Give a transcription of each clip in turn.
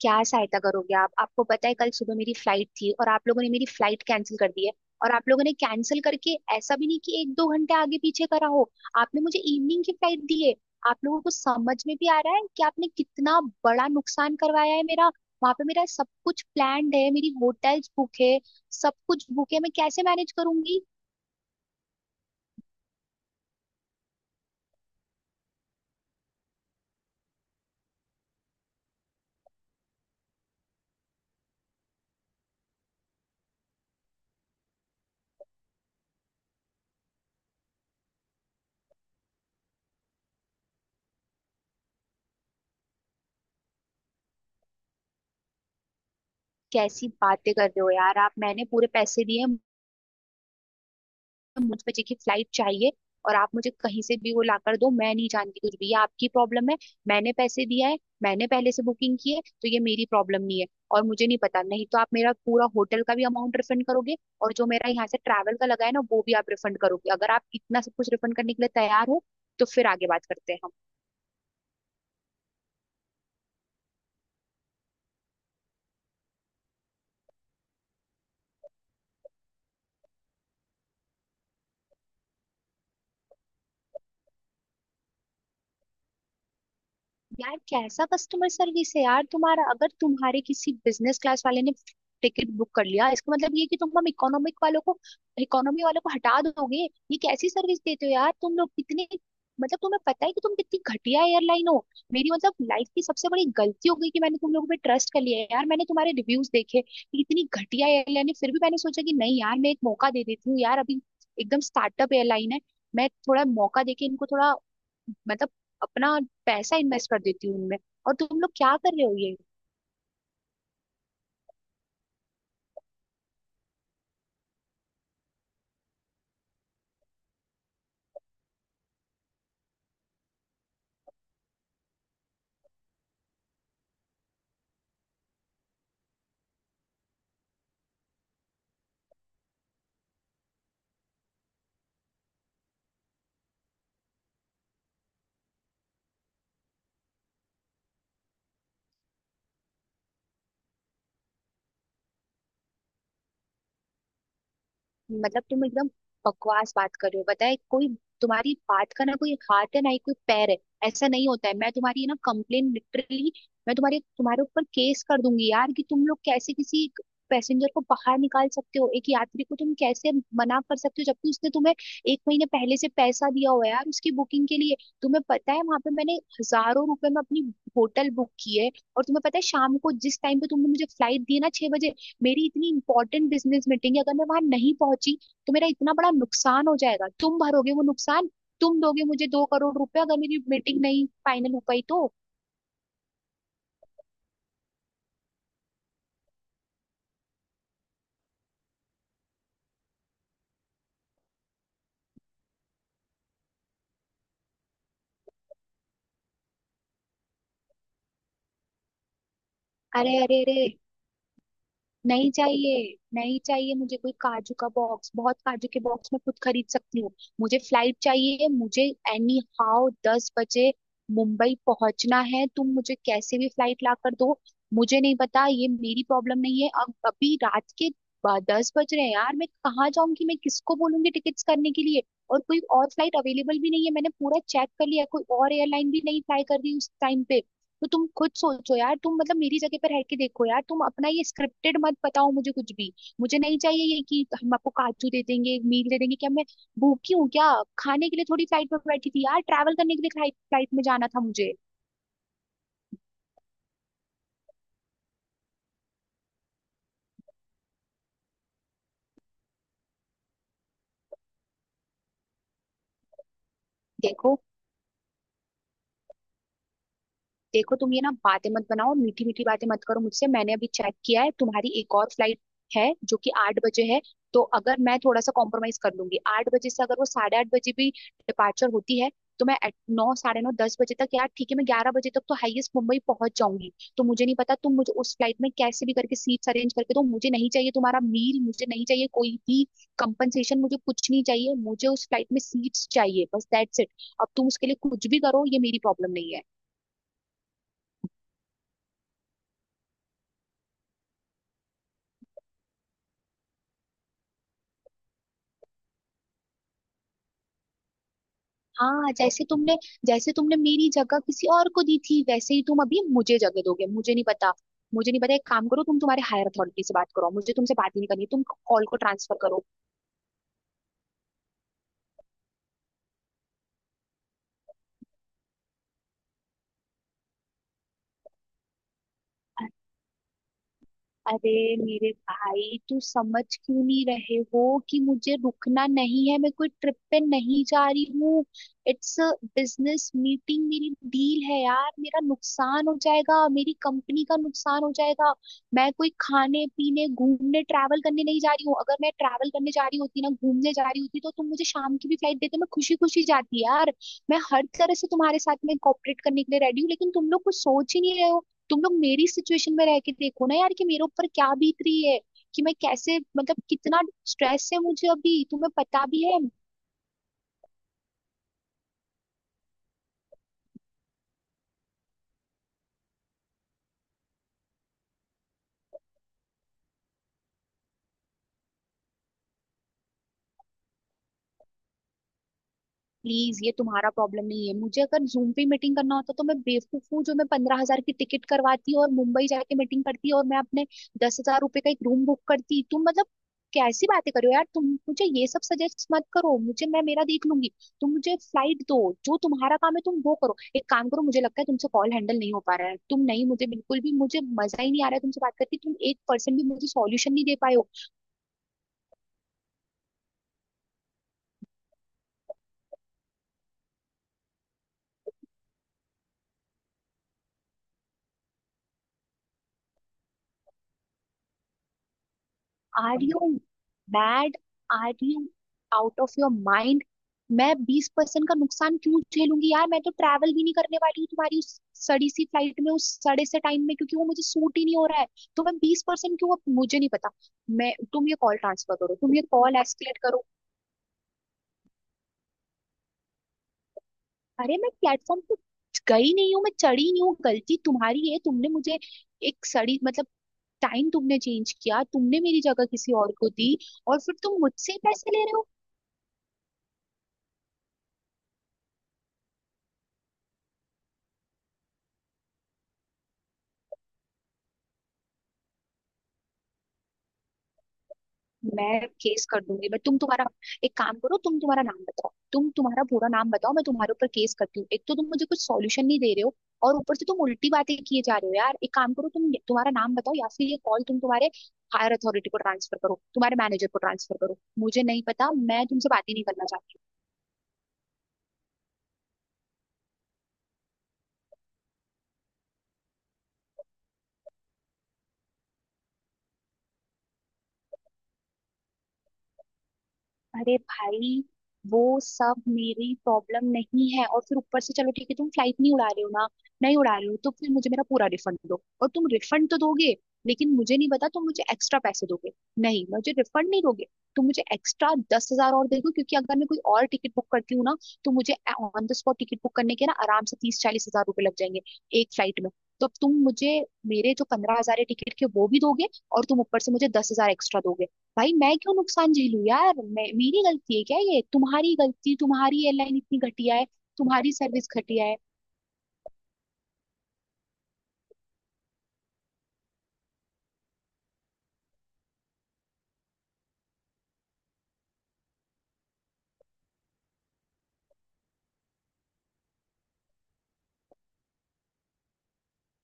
क्या सहायता करोगे आप। आपको पता है कल सुबह मेरी फ्लाइट थी और आप लोगों ने मेरी फ्लाइट कैंसिल कर दी है। और आप लोगों ने कैंसिल करके ऐसा भी नहीं कि एक दो घंटे आगे पीछे करा हो। आपने मुझे इवनिंग की फ्लाइट दी है। आप लोगों को समझ में भी आ रहा है कि आपने कितना बड़ा नुकसान करवाया है मेरा? वहां पे मेरा सब कुछ प्लान्ड है, मेरी होटल्स बुक है, सब कुछ बुक है, मैं कैसे मैनेज करूंगी? कैसी बातें कर रहे हो यार आप, मैंने पूरे पैसे दिए हैं, तो मुझ बजे की फ्लाइट चाहिए। और आप मुझे कहीं से भी वो लाकर दो, मैं नहीं जानती कुछ भी, ये आपकी प्रॉब्लम है। मैंने पैसे दिया है, मैंने पहले से बुकिंग की है, तो ये मेरी प्रॉब्लम नहीं है। और मुझे नहीं पता, नहीं तो आप मेरा पूरा होटल का भी अमाउंट रिफंड करोगे और जो मेरा यहाँ से ट्रैवल का लगा है ना वो भी आप रिफंड करोगे। अगर आप इतना सब कुछ रिफंड करने के लिए तैयार हो तो फिर आगे बात करते हैं। यार कैसा कस्टमर सर्विस है यार तुम्हारा, अगर तुम्हारे किसी बिजनेस क्लास वाले ने टिकट बुक कर लिया इसका मतलब ये है कि तुम हम इकोनॉमिक वालों को, इकोनॉमी वालों को हटा दोगे? ये कैसी सर्विस देते हो यार तुम लोग, कितने, मतलब तुम्हें पता है कि तुम कितनी घटिया एयरलाइन हो? मेरी मतलब लाइफ की सबसे बड़ी गलती हो गई कि मैंने तुम लोगों पे ट्रस्ट कर लिया है यार। मैंने तुम्हारे रिव्यूज देखे कि इतनी घटिया एयरलाइन है फिर भी मैंने सोचा कि नहीं यार मैं एक मौका दे देती हूँ यार। अभी एकदम स्टार्टअप एयरलाइन है, मैं थोड़ा मौका देके इनको थोड़ा, मतलब अपना पैसा इन्वेस्ट कर देती हूँ उनमें, और तुम लोग क्या कर रहे हो ये? मतलब तुम एकदम बकवास बात कर रहे हो, बताए कोई। तुम्हारी बात का ना कोई हाथ है ना ही कोई पैर है, ऐसा नहीं होता है। मैं तुम्हारी ना कंप्लेन, लिटरली मैं तुम्हारे तुम्हारे ऊपर केस कर दूंगी यार। कि तुम लोग कैसे किसी पैसेंजर को बाहर निकाल सकते हो, एक यात्री को तुम कैसे मना कर सकते हो जबकि उसने तुम्हें एक महीने पहले से पैसा दिया हुआ है यार उसकी बुकिंग के लिए। तुम्हें पता है वहां पे मैंने हजारों रुपए में अपनी होटल बुक की है। और तुम्हें पता है शाम को जिस टाइम पे तुमने मुझे फ्लाइट दी है ना, 6 बजे, मेरी इतनी इंपॉर्टेंट बिजनेस मीटिंग है। अगर मैं वहां नहीं पहुंची तो मेरा इतना बड़ा नुकसान हो जाएगा, तुम भरोगे वो नुकसान? तुम दोगे मुझे 2 करोड़ रुपए अगर मेरी मीटिंग नहीं फाइनल हो पाई तो? अरे अरे अरे, नहीं चाहिए नहीं चाहिए मुझे कोई काजू का बॉक्स, बहुत काजू के बॉक्स मैं खुद खरीद सकती हूँ। मुझे फ्लाइट चाहिए, मुझे एनी हाउ 10 बजे मुंबई पहुंचना है। तुम मुझे कैसे भी फ्लाइट ला कर दो, मुझे नहीं पता, ये मेरी प्रॉब्लम नहीं है। अब अभी रात के 10 बज रहे हैं यार, मैं कहाँ जाऊंगी, मैं किसको बोलूंगी टिकट्स करने के लिए? और कोई और फ्लाइट अवेलेबल भी नहीं है, मैंने पूरा चेक कर लिया, कोई और एयरलाइन भी नहीं फ्लाई कर रही उस टाइम पे। तो तुम खुद सोचो यार, तुम मतलब मेरी जगह पर रह के देखो यार, तुम अपना ये स्क्रिप्टेड मत बताओ मुझे कुछ भी। मुझे नहीं चाहिए ये कि हम आपको काजू दे देंगे, मील दे देंगे, क्या मैं भूखी हूँ क्या? खाने के लिए थोड़ी फ्लाइट में बैठी थी यार, ट्रैवल करने के लिए फ्लाइट में जाना था मुझे। देखो, देखो तुम ये ना, बातें मत बनाओ, मीठी मीठी बातें मत करो मुझसे। मैंने अभी चेक किया है तुम्हारी एक और फ्लाइट है जो कि 8 बजे है। तो अगर मैं थोड़ा सा कॉम्प्रोमाइज कर लूंगी 8 बजे से, अगर वो 8:30 बजे भी डिपार्चर होती है, तो मैं at नौ साढ़े नौ दस बजे तक, यार ठीक है, मैं 11 बजे तक तो हाईएस्ट मुंबई पहुंच जाऊंगी। तो मुझे नहीं पता, तुम मुझे उस फ्लाइट में कैसे भी करके सीट्स अरेंज करके दो। मुझे नहीं चाहिए तुम्हारा मील, मुझे नहीं चाहिए कोई भी कंपनसेशन, मुझे कुछ नहीं चाहिए, मुझे उस फ्लाइट में सीट्स चाहिए बस दैट्स इट। अब तुम उसके लिए कुछ भी करो, ये मेरी प्रॉब्लम नहीं है। हाँ जैसे तुमने मेरी जगह किसी और को दी थी, वैसे ही तुम अभी मुझे जगह दोगे, मुझे नहीं पता। मुझे नहीं पता, एक काम करो, तुम तुम्हारे हायर अथॉरिटी से बात करो, मुझे तुमसे बात ही नहीं करनी, तुम कॉल को ट्रांसफर करो। अरे मेरे भाई तू समझ क्यों नहीं रहे हो कि मुझे रुकना नहीं है, मैं कोई ट्रिप पे नहीं जा रही हूँ। इट्स अ बिजनेस मीटिंग, मेरी डील है यार, मेरा नुकसान हो जाएगा, मेरी कंपनी का नुकसान हो जाएगा। मैं कोई खाने पीने घूमने ट्रैवल करने नहीं जा रही हूँ। अगर मैं ट्रैवल करने जा रही होती ना, घूमने जा रही होती, तो तुम मुझे शाम की भी फ्लाइट देते, मैं खुशी खुशी जाती यार। मैं हर तरह से तुम्हारे साथ में कॉपरेट करने के लिए रेडी हूँ, लेकिन तुम लोग कुछ सोच ही नहीं रहे हो। तुम लोग मेरी सिचुएशन में रह के देखो ना यार कि मेरे ऊपर क्या बीत रही है, कि मैं कैसे, मतलब कितना स्ट्रेस है मुझे अभी तुम्हें पता भी है? प्लीज ये तुम्हारा प्रॉब्लम नहीं है। मुझे अगर जूम पे मीटिंग करना होता तो मैं बेवकूफ हूँ जो मैं 15,000 की टिकट करवाती और मुंबई जाके मीटिंग करती और मैं अपने 10,000 रुपए का एक रूम बुक करती? तुम मतलब कैसी बातें कर रहे हो यार, तुम मुझे ये सब सजेस्ट मत करो, मुझे, मैं मेरा देख लूंगी। तुम मुझे फ्लाइट दो जो तुम्हारा काम है तुम वो करो। एक काम करो, मुझे लगता है तुमसे कॉल हैंडल नहीं हो पा रहा है, तुम नहीं, मुझे बिल्कुल भी, मुझे मजा ही नहीं आ रहा है तुमसे बात करके, तुम 1% भी मुझे सॉल्यूशन नहीं दे पाए हो। Are you mad? Are you out of your mind? मैं 20% का नुकसान क्यों झेलूंगी यार, मैं तो ट्रैवल भी नहीं करने वाली हूँ तुम्हारी उस सड़ी सी फ्लाइट में उस सड़े से टाइम में, क्योंकि वो मुझे सूट ही नहीं हो रहा है। तो मैं 20% क्यों? मुझे नहीं पता, मैं, तुम ये कॉल ट्रांसफर करो, तुम ये कॉल एस्केलेट करो। अरे मैं प्लेटफॉर्म पे गई नहीं हूँ, मैं चढ़ी नहीं हूँ, गलती तुम्हारी है, तुमने मुझे एक सड़ी मतलब, टाइम तुमने चेंज किया, तुमने मेरी जगह किसी और को दी, और फिर तुम मुझसे पैसे ले रहे हो? मैं केस कर दूंगी। बट तुम तुम्हारा एक काम करो, तुम्हारा नाम बताओ, तुम्हारा पूरा नाम बताओ, मैं तुम्हारे ऊपर केस करती हूँ। एक तो तुम मुझे कुछ सॉल्यूशन नहीं दे रहे हो, और ऊपर से तुम उल्टी बातें किए जा रहे हो यार। एक काम करो, तुम्हारा नाम बताओ, या फिर ये कॉल तुम्हारे हायर अथॉरिटी को ट्रांसफर करो, तुम्हारे मैनेजर को ट्रांसफर करो, मुझे नहीं पता, मैं तुमसे बात ही नहीं करना चाहती। अरे भाई वो सब मेरी प्रॉब्लम नहीं है, और फिर ऊपर से चलो ठीक है, तुम फ्लाइट नहीं उड़ा रहे हो ना, नहीं उड़ा रहे हो तो फिर मुझे मेरा पूरा रिफंड दो। और तुम रिफंड तो दोगे, लेकिन मुझे नहीं पता, तुम मुझे एक्स्ट्रा पैसे दोगे नहीं, मुझे रिफंड नहीं दोगे? तुम मुझे एक्स्ट्रा 10,000 और दे दो, क्योंकि अगर मैं कोई और टिकट बुक करती हूँ ना तो मुझे on the spot ticket book करने के ना आराम से 30-40 हजार रुपए लग जाएंगे एक फ्लाइट में। तो अब तुम मुझे मेरे जो 15,000 टिकट के वो भी दोगे और तुम ऊपर से मुझे 10,000 एक्स्ट्रा दोगे। भाई मैं क्यों नुकसान झेलूं यार, मैं, मेरी गलती है क्या? ये तुम्हारी गलती, तुम्हारी एयरलाइन इतनी घटिया है, तुम्हारी सर्विस घटिया है।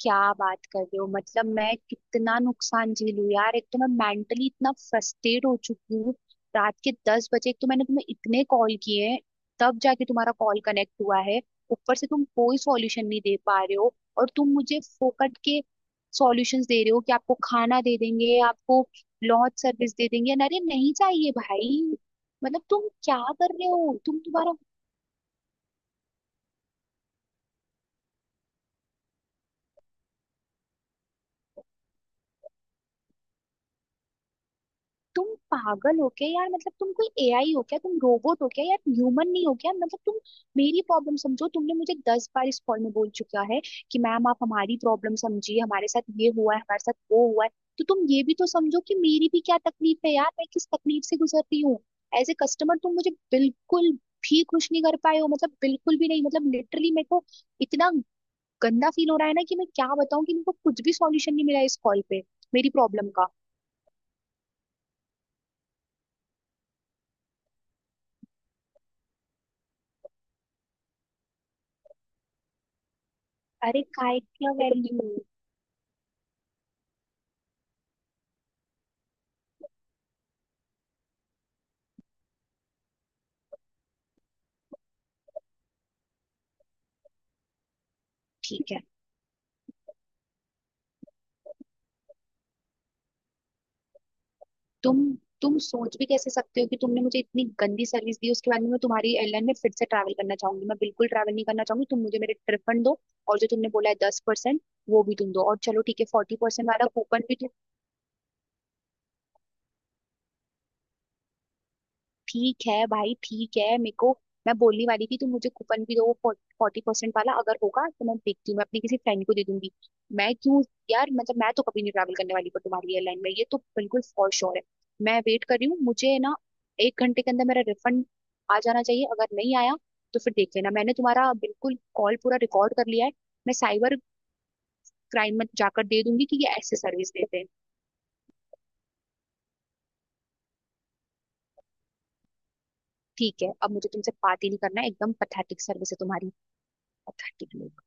क्या बात कर रहे हो, मतलब मैं कितना नुकसान झेलू यार? एक तो मैं मेंटली इतना फ्रस्ट्रेट हो चुकी हूँ, रात के 10 बजे, एक तो मैंने तुम्हें इतने कॉल किए हैं तब जाके तुम्हारा कॉल कनेक्ट हुआ है। ऊपर से तुम कोई सॉल्यूशन नहीं दे पा रहे हो, और तुम मुझे फोकट के सॉल्यूशंस दे रहे हो कि आपको खाना दे देंगे, आपको लॉन्च सर्विस दे देंगे, अरे नहीं चाहिए भाई, मतलब तुम क्या कर रहे हो? तुम तुम्हारा, तुम पागल हो क्या यार? मतलब तुम कोई एआई हो क्या, तुम रोबोट हो क्या यार, ह्यूमन नहीं हो क्या? मतलब तुम मेरी प्रॉब्लम समझो। तुमने मुझे 10 बार इस कॉल में बोल चुका है कि मैम आप हमारी प्रॉब्लम समझिए, हमारे साथ ये हुआ है, हमारे साथ वो हुआ है, तो तुम ये भी तो समझो कि मेरी भी क्या तकलीफ है यार, मैं किस तकलीफ से गुजर रही हूँ। एज ए कस्टमर तुम मुझे बिल्कुल भी खुश नहीं कर पाए हो, मतलब बिल्कुल भी नहीं, मतलब लिटरली मेरे को इतना गंदा फील हो रहा है ना कि मैं क्या बताऊं, कि मेरे को कुछ भी सॉल्यूशन नहीं मिला इस कॉल पे, मेरी प्रॉब्लम का। अरे काय क्या वैल्यू? ठीक है, तुम तुम सोच भी कैसे सकते हो कि तुमने मुझे इतनी गंदी सर्विस दी उसके बाद में मैं तुम्हारी एयरलाइन में फिर से ट्रैवल करना चाहूंगी? मैं बिल्कुल ट्रैवल नहीं करना चाहूंगी, तुम मुझे मेरे रिफंड दो। और जो तुमने बोला है 10% वो भी तुम दो, और चलो ठीक है 40% वाला कूपन भी। ठीक है भाई ठीक है मेरे को, मैं बोलने वाली थी तुम मुझे कूपन भी दो 40% वाला, अगर होगा तो मैं देखती हूँ, मैं अपनी किसी फ्रेंड को दे दूंगी। मैं क्यों यार, मतलब मैं तो कभी नहीं ट्रैवल करने वाली पर तुम्हारी एयरलाइन में, ये तो बिल्कुल फॉर श्योर है। मैं वेट कर रही हूँ, मुझे ना 1 घंटे के अंदर मेरा रिफंड आ जाना चाहिए, अगर नहीं आया तो फिर देख लेना, मैंने तुम्हारा बिल्कुल कॉल पूरा रिकॉर्ड कर लिया है, मैं साइबर क्राइम में जाकर दे दूंगी कि ये ऐसे सर्विस देते हैं। ठीक है अब मुझे तुमसे बात ही नहीं करना है, एकदम पथेटिक सर्विस है तुम्हारी, पथेटिक।